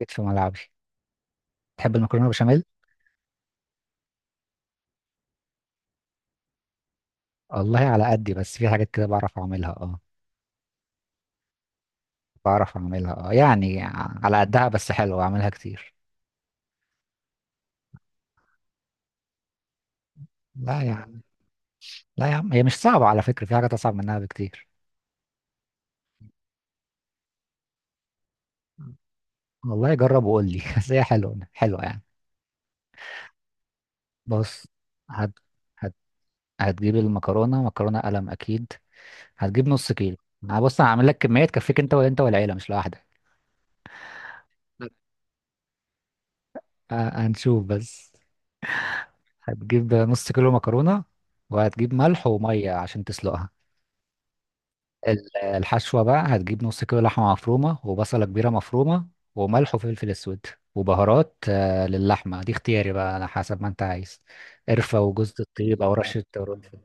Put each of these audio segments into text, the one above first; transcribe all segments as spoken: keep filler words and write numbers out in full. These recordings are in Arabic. جيت في ملعبي. تحب المكرونه بشاميل؟ والله على قدي، بس في حاجات كده بعرف اعملها اه. بعرف اعملها اه يعني على قدها، بس حلوه. اعملها كتير. لا يا عم، لا يا عم، هي مش صعبه على فكره، في حاجات اصعب منها بكتير. والله جرب وقول لي. بس هي حلوه حلوه يعني. بص، هت... هت... هتجيب المكرونه، مكرونه قلم اكيد. هتجيب نص كيلو. انا بص، انا هعمل لك كميه تكفيك انت وانت والعيله، مش لوحدك. آه، هنشوف بس. هتجيب نص كيلو مكرونه، وهتجيب ملح وميه عشان تسلقها. ال- الحشوة بقى هتجيب نص كيلو لحمة مفرومة وبصلة كبيرة مفرومة وملح وفلفل أسود وبهارات. آه، للحمة دي اختياري بقى، على حسب ما أنت عايز: قرفة وجوز الطيب أو رشة قرنفل.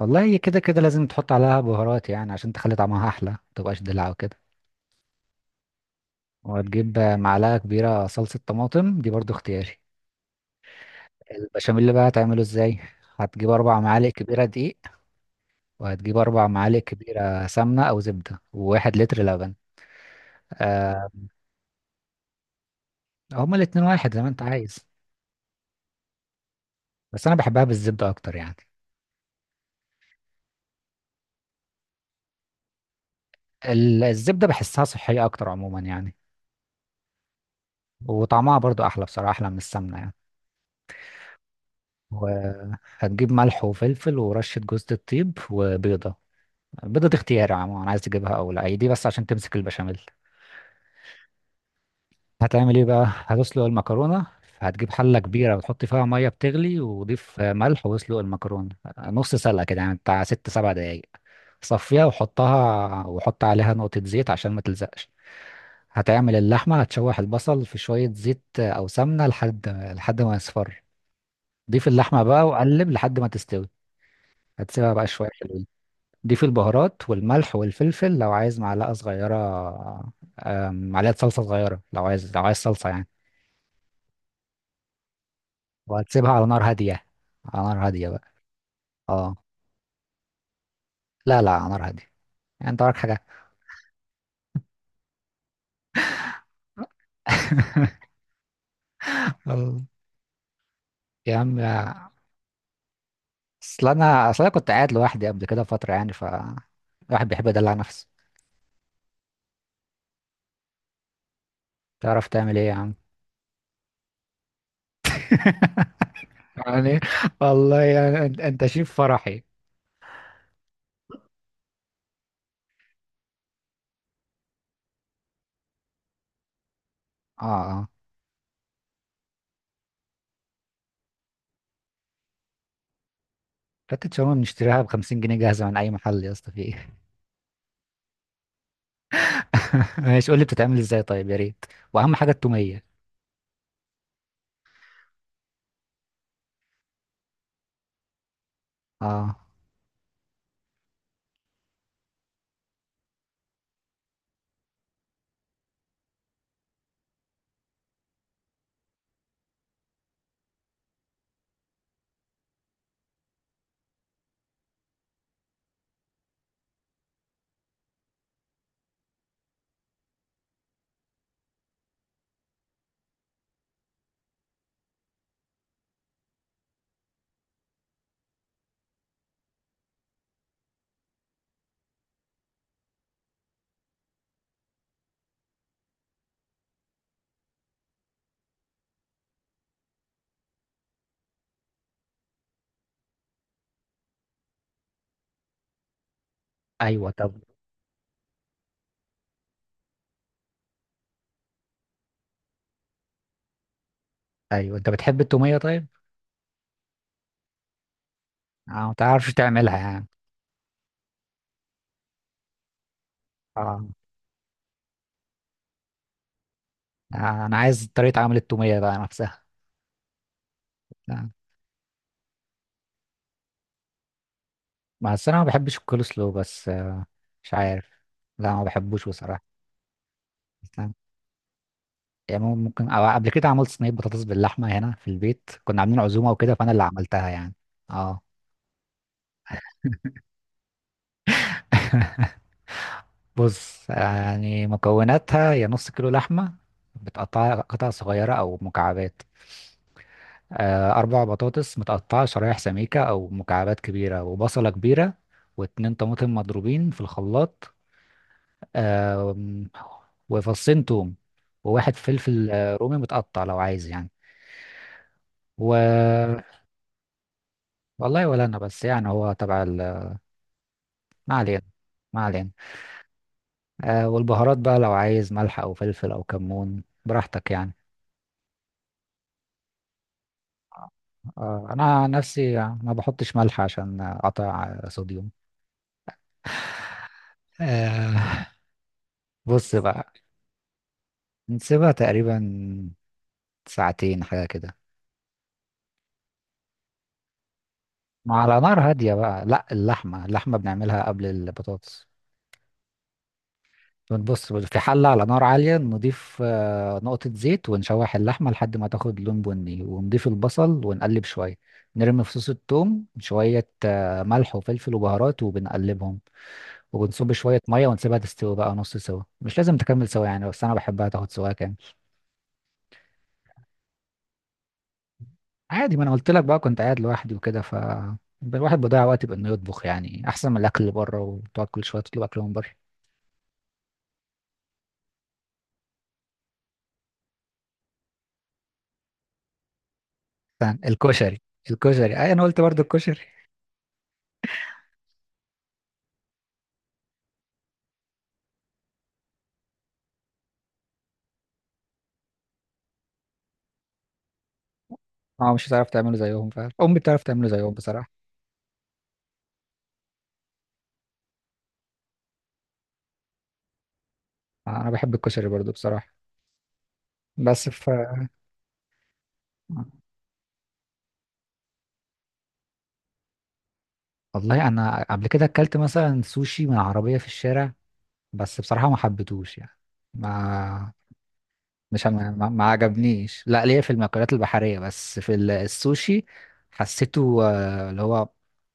والله هي كده كده لازم تحط عليها بهارات يعني، عشان تخلي طعمها أحلى، متبقاش دلع وكده. وهتجيب آه، معلقة كبيرة صلصة طماطم، دي برضو اختياري. البشاميل اللي بقى هتعمله ازاي؟ هتجيب أربع معالق كبيرة دقيق، وهتجيب أربع معالق كبيرة سمنة أو زبدة، وواحد لتر لبن. آه، هما الاتنين واحد، زي ما انت عايز. بس انا بحبها بالزبدة اكتر يعني. ال- الزبدة بحسها صحية اكتر عموما يعني، وطعمها برضو احلى، بصراحة احلى من السمنة يعني. وهتجيب ملح وفلفل ورشة جوز الطيب وبيضة. البيضة دي اختياري عموما، عايز تجيبها او لا، هي دي بس عشان تمسك البشاميل. هتعمل ايه بقى؟ هتسلق المكرونة. هتجيب حلة كبيرة وتحط فيها مية بتغلي، وضيف ملح واسلق المكرونة. نص سلقة كده يعني، بتاع ست سبع دقايق. صفيها وحطها، وحط عليها نقطة زيت عشان ما تلزقش. هتعمل اللحمة: هتشوح البصل في شوية زيت أو سمنة لحد لحد ما يصفر. ضيف اللحمة بقى وقلب لحد ما تستوي. هتسيبها بقى شوية، حلوين. ضيف البهارات والملح والفلفل لو عايز، معلقة صغيرة. آم، معلقة صلصة صغيرة لو عايز، لو عايز صلصة يعني. وهتسيبها على نار هادية، على نار هادية بقى. اه، لا لا، على نار هادية. يعني انت وراك حاجة؟ الله. يا عم، اصل انا اصل انا كنت قاعد لوحدي قبل كده فترة يعني، ف الواحد بيحب يدلع نفسه. تعرف تعمل ايه يا عم؟ يعني والله يعني انت أنت شيف فرحي. اه اه، فتة شاورما بنشتريها ب خمسين جنيه جاهزة من أي محل، يا اسطى في ايه؟ ماشي، قول لي بتتعمل ازاي طيب، يا ريت. وأهم حاجة التومية. اه، أيوه. طب، أيوه، أنت بتحب التومية طيب؟ اه، ما تعرفش تعملها يعني. اه. آه، أنا عايز طريقة عمل التومية بقى نفسها. آه. بس أنا ما بحبش الكول سلو، بس آه، مش عارف. لا ما بحبوش بصراحة. آه. يعني ممكن، أو قبل كده عملت صينية بطاطس باللحمة هنا في البيت، كنا عاملين عزومة وكده فأنا اللي عملتها يعني. اه. بص، يعني مكوناتها: يا نص كيلو لحمة بتقطعها قطع صغيرة أو مكعبات، آه، أربع بطاطس متقطعة شرايح سميكة أو مكعبات كبيرة، وبصلة كبيرة، واتنين طماطم مضروبين في الخلاط، آم، وفصين توم، وواحد فلفل آه، رومي متقطع لو عايز يعني. و والله ولا أنا، بس يعني هو تبع. ما علينا، ما علينا. آه، والبهارات بقى لو عايز ملح او فلفل او كمون، براحتك يعني. آه، انا عن نفسي ما بحطش ملح عشان اقطع صوديوم. آه. بص بقى، نسيبها تقريبا ساعتين حاجة كده، مع على نار هادية بقى. لا، اللحمة اللحمة بنعملها قبل البطاطس. بنبص في حلة على نار عالية، نضيف آه، نقطة زيت ونشوح اللحمة لحد ما تاخد لون بني، ونضيف البصل ونقلب شوية، نرمي فصوص الثوم، شوية آه، ملح وفلفل وبهارات وبنقلبهم، وبنصب شوية مية ونسيبها تستوي بقى، نص سوا، مش لازم تكمل سوا يعني، بس أنا بحبها تاخد سوا كام. عادي، ما أنا قلت لك بقى، كنت قاعد لوحدي وكده، ف الواحد بيضيع وقت بإنه يطبخ يعني، أحسن من الأكل اللي بره وتقعد كل شوية تطلب أكل من بره. مثلاً الكشري. الكشري، أي، أنا قلت برضو الكشري. اه، مش هتعرف تعمله زيهم فعلا، امي بتعرف تعمله زيهم بصراحه. آه، انا بحب الكشري برضو بصراحه، بس ف والله انا قبل كده اكلت مثلا سوشي من عربيه في الشارع، بس بصراحه ما حبيتهوش يعني. ما مش ما, ما ما عجبنيش. لا، ليا في المأكولات البحريه، بس في ال- السوشي حسيته، آه، اللي هو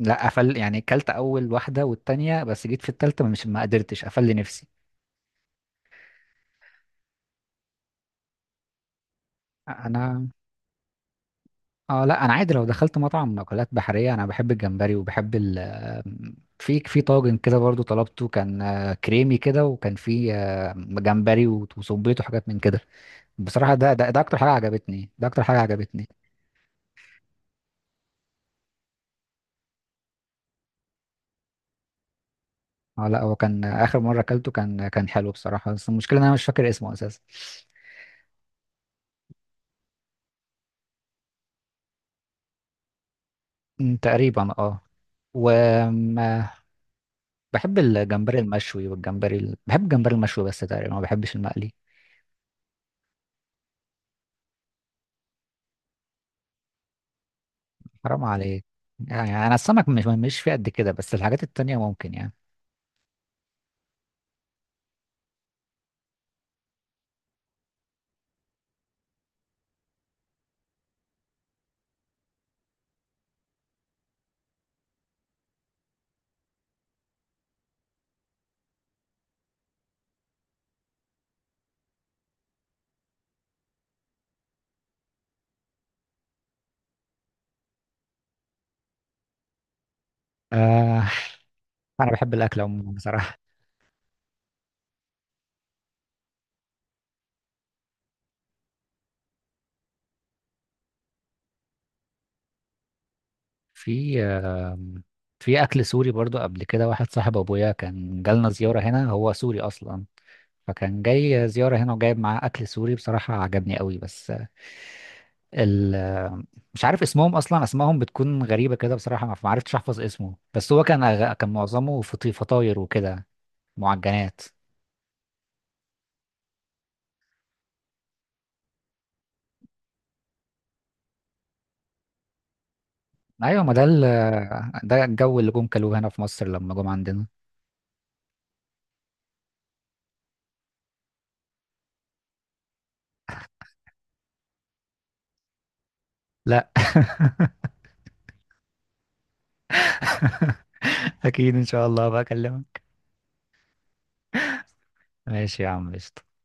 لا قفل. يعني اكلت اول واحده والتانيه، بس جيت في التالته مش، ما قدرتش، قفل لي نفسي. انا اه لا، انا عادي لو دخلت مطعم اكلات بحريه انا بحب الجمبري وبحب ال في في طاجن كده برضو طلبته، كان آه، كريمي كده، وكان فيه آه، جمبري وصبيته وحاجات من كده. بصراحه ده, ده ده اكتر حاجه عجبتني، ده اكتر حاجه عجبتني. اه لا، هو كان آه، اخر مره اكلته كان كان حلو بصراحه، بس المشكله ان انا مش فاكر اسمه اساسا. أمم، تقريبا اه. وبحب الجمبري المشوي والجمبري ال... بحب الجمبري المشوي بس، تقريبا ما بحبش المقلي. حرام عليك. يعني انا السمك مش مش في قد كده، بس الحاجات التانية ممكن يعني. آه، انا بحب الاكل عموما بصراحة. في آه في اكل سوري برضو. قبل كده واحد صاحب ابويا كان جالنا زيارة هنا، هو سوري اصلا، فكان جاي زيارة هنا وجايب معاه اكل سوري، بصراحة عجبني قوي. بس آه، ال آه، مش عارف اسمهم اصلا، اسمائهم بتكون غريبة كده بصراحة، ما ما عرفتش احفظ اسمه. بس هو كان أغ- كان معظمه فطي- فطاير وكده، معجنات. ايوه، ما ده ال- ده الجو اللي جم كلوه هنا في مصر لما جم عندنا. لا. اكيد ان شاء الله بقى، اكلمك. ماشي يا عم، قشطة.